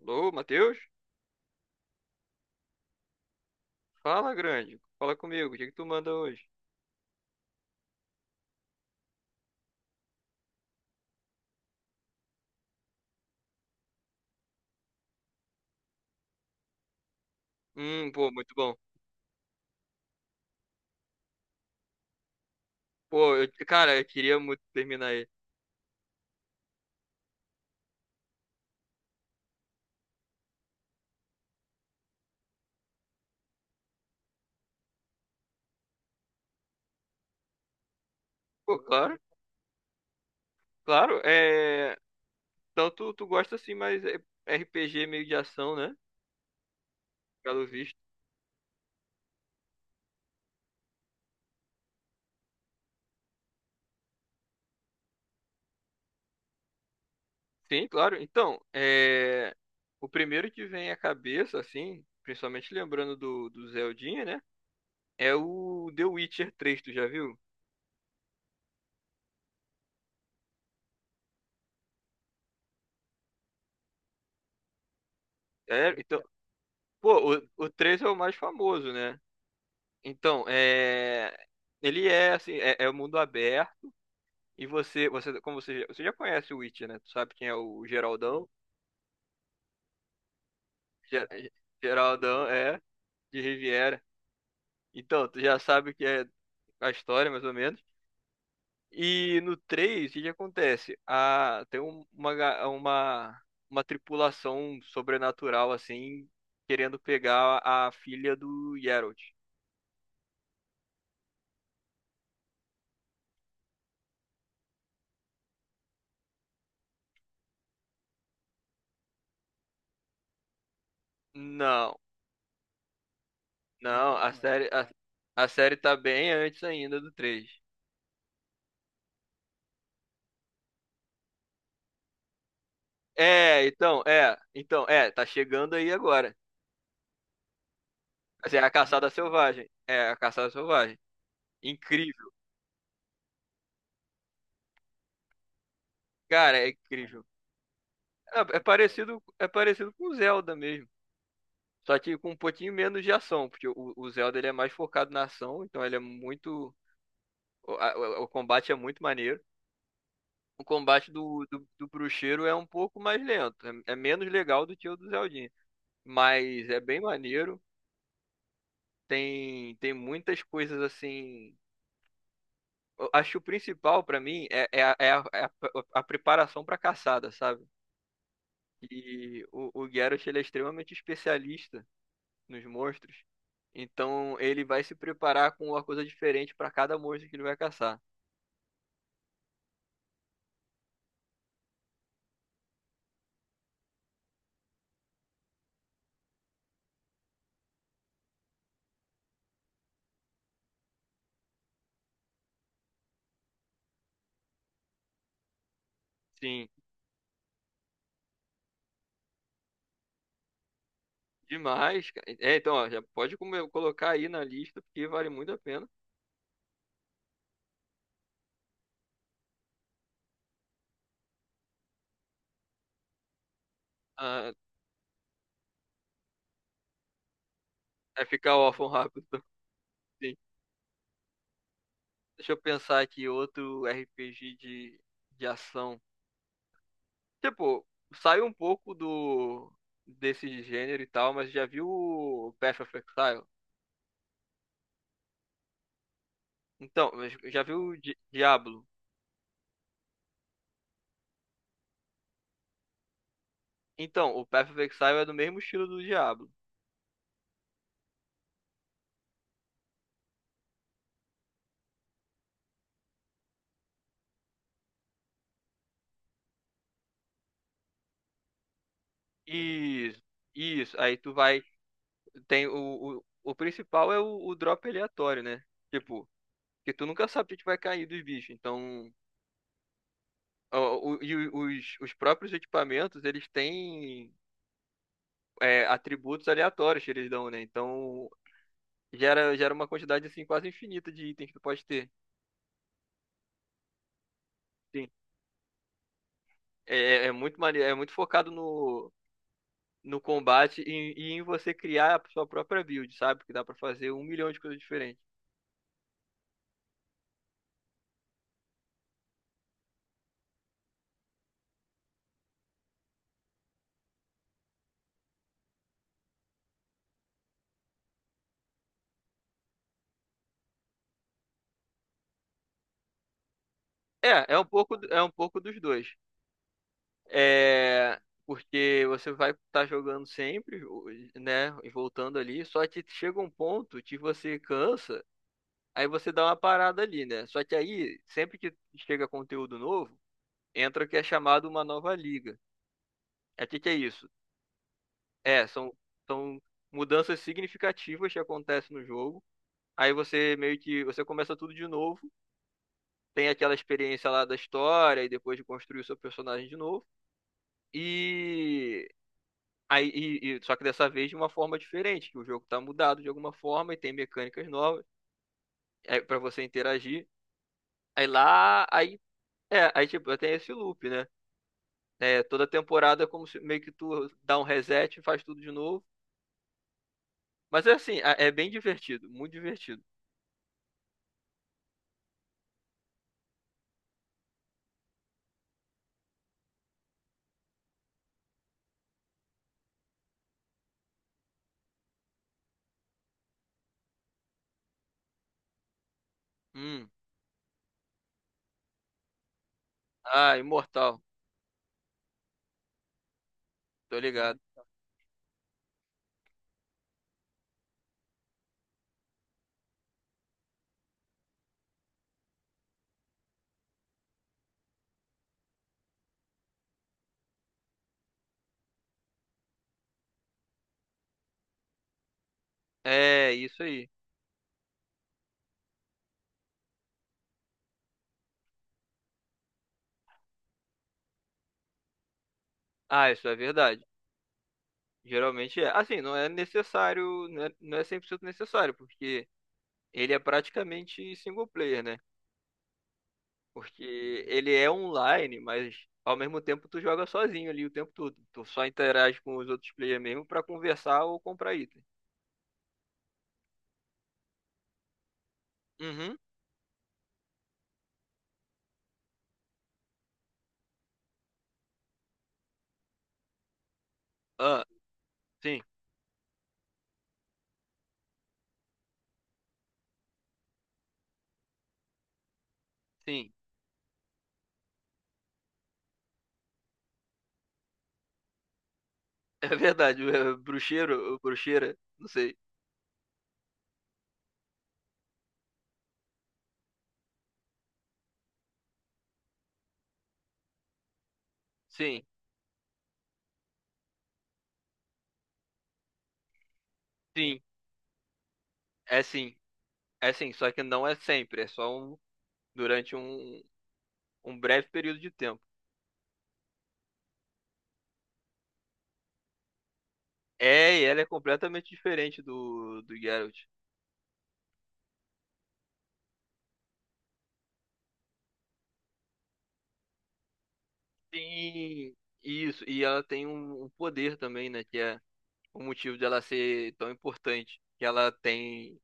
Alô, Matheus? Fala, grande. Fala comigo. O que que tu manda hoje? Pô, muito bom. Pô, cara, eu queria muito terminar aí. Pô, claro, claro. Então tu gosta assim, mas é RPG meio de ação, né? Pelo visto. Sim, claro. O primeiro que vem à cabeça, assim, principalmente lembrando do Zeldinha, né? É o The Witcher 3, tu já viu? É, então, pô, o 3 é o mais famoso, né? Então, é... Ele é assim, é o mundo aberto e você já conhece o Witcher, né? Tu sabe quem é o Geraldão? Ge- Geraldão é de Riviera. Então, tu já sabe o que é a história, mais ou menos. E no 3, o que que acontece? Tem uma tripulação sobrenatural, assim, querendo pegar a, filha do Geralt. Não, não, a série, a série tá bem antes ainda do 3. Tá chegando aí agora. Assim, é a caçada selvagem. É a caçada selvagem. Incrível. Cara, é incrível. É parecido com o Zelda mesmo. Só que com um pouquinho menos de ação, porque o Zelda ele é mais focado na ação, então ele é muito. O combate é muito maneiro. O combate do bruxeiro é um pouco mais lento. É, é menos legal do que o do Zeldinha. Mas é bem maneiro. Tem muitas coisas assim eu acho que o principal pra mim é a preparação pra caçada, sabe? E o Geralt, ele é extremamente especialista nos monstros. Então, ele vai se preparar com uma coisa diferente pra cada monstro que ele vai caçar. Sim, demais, cara. Ó, já pode colocar aí na lista, porque vale muito a pena. Ah, vai ficar órfão rápido. Sim. Deixa eu pensar aqui outro RPG de ação. Tipo, saiu um pouco do desse gênero e tal, mas já viu o Path of Exile? Então, mas já viu o Diablo? Então, o Path of Exile é do mesmo estilo do Diablo. Isso, isso. Aí tu vai. Tem o principal é o drop aleatório, né? Tipo, que tu nunca sabe o que que vai cair dos bichos. Então, os próprios equipamentos, eles têm atributos aleatórios que eles dão, né? Então, gera uma quantidade assim quase infinita de itens que tu pode ter. Sim. É, é muito maneiro, é muito focado no combate e em você criar a sua própria build, sabe? Porque dá pra fazer um milhão de coisas diferentes. É um pouco dos dois. É, porque você vai estar jogando sempre, né? E voltando ali, só que chega um ponto que você cansa, aí você dá uma parada ali, né? Só que aí, sempre que chega conteúdo novo, entra o que é chamado uma nova liga. É. O que que é isso? É, são, são mudanças significativas que acontecem no jogo. Aí você meio que você começa tudo de novo, tem aquela experiência lá da história e depois de construir o seu personagem de novo. E só que dessa vez de uma forma diferente, que o jogo tá mudado de alguma forma e tem mecânicas novas para você interagir. Aí lá, aí é, aí tipo, tem esse loop, né? É, toda temporada é como se meio que tu dá um reset e faz tudo de novo. Mas é assim, é bem divertido, muito divertido. Hum. Ah, imortal. Tô ligado. É, isso aí. Ah, isso é verdade. Geralmente é. Assim, não é necessário, não é 100% necessário, porque ele é praticamente single player, né? Porque ele é online, mas ao mesmo tempo tu joga sozinho ali o tempo todo. Tu só interage com os outros players mesmo pra conversar ou comprar item. Uhum. Ah, sim, sim. É verdade. Bruxeiro, o bruxeira, não sei. Sim, sim. É sim. É sim, só que não é sempre, é só durante um, um breve período de tempo. É, e ela é completamente diferente do Geralt. Sim, isso. E ela tem um poder também, né? Que é o motivo dela ser tão importante.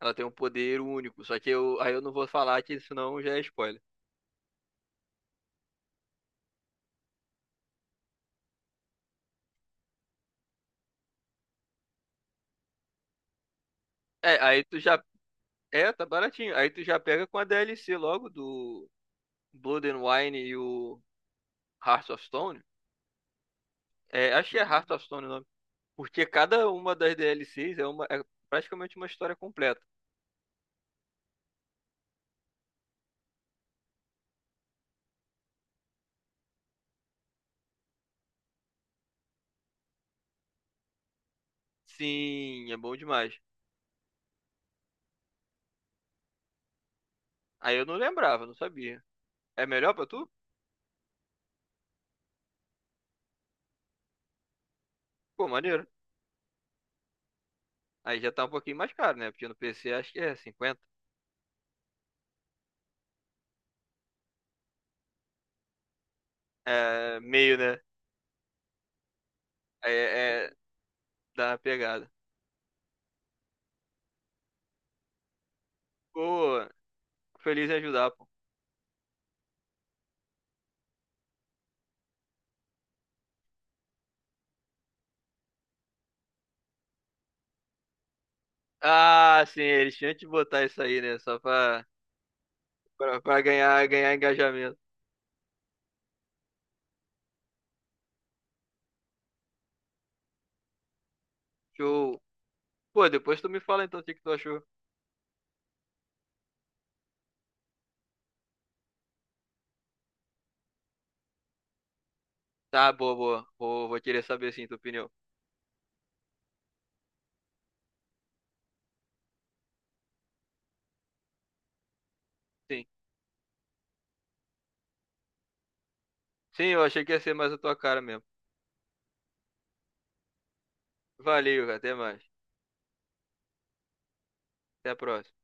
Ela tem um poder único. Só que eu, aí eu não vou falar que senão já é spoiler. É, aí tu já. É, tá baratinho. Aí tu já pega com a DLC logo do Blood and Wine e o Heart of Stone. É, acho que é Heart of Stone. Porque cada uma das DLCs é praticamente uma história completa. Sim, é bom demais. Aí eu não lembrava, não sabia. É melhor pra tu? Pô, maneiro. Aí já tá um pouquinho mais caro, né? Porque no PC acho que é 50. É meio, né? É, é dá uma pegada. Pô, feliz em ajudar, pô. Ah, sim, eles tinham que botar isso aí, né? Pra ganhar engajamento. Show. Pô, depois tu me fala então o que que tu achou. Tá, boa, boa. Vou querer saber sim, tua opinião. Sim. Sim, eu achei que ia ser mais a tua cara mesmo. Valeu, até mais. Até a próxima.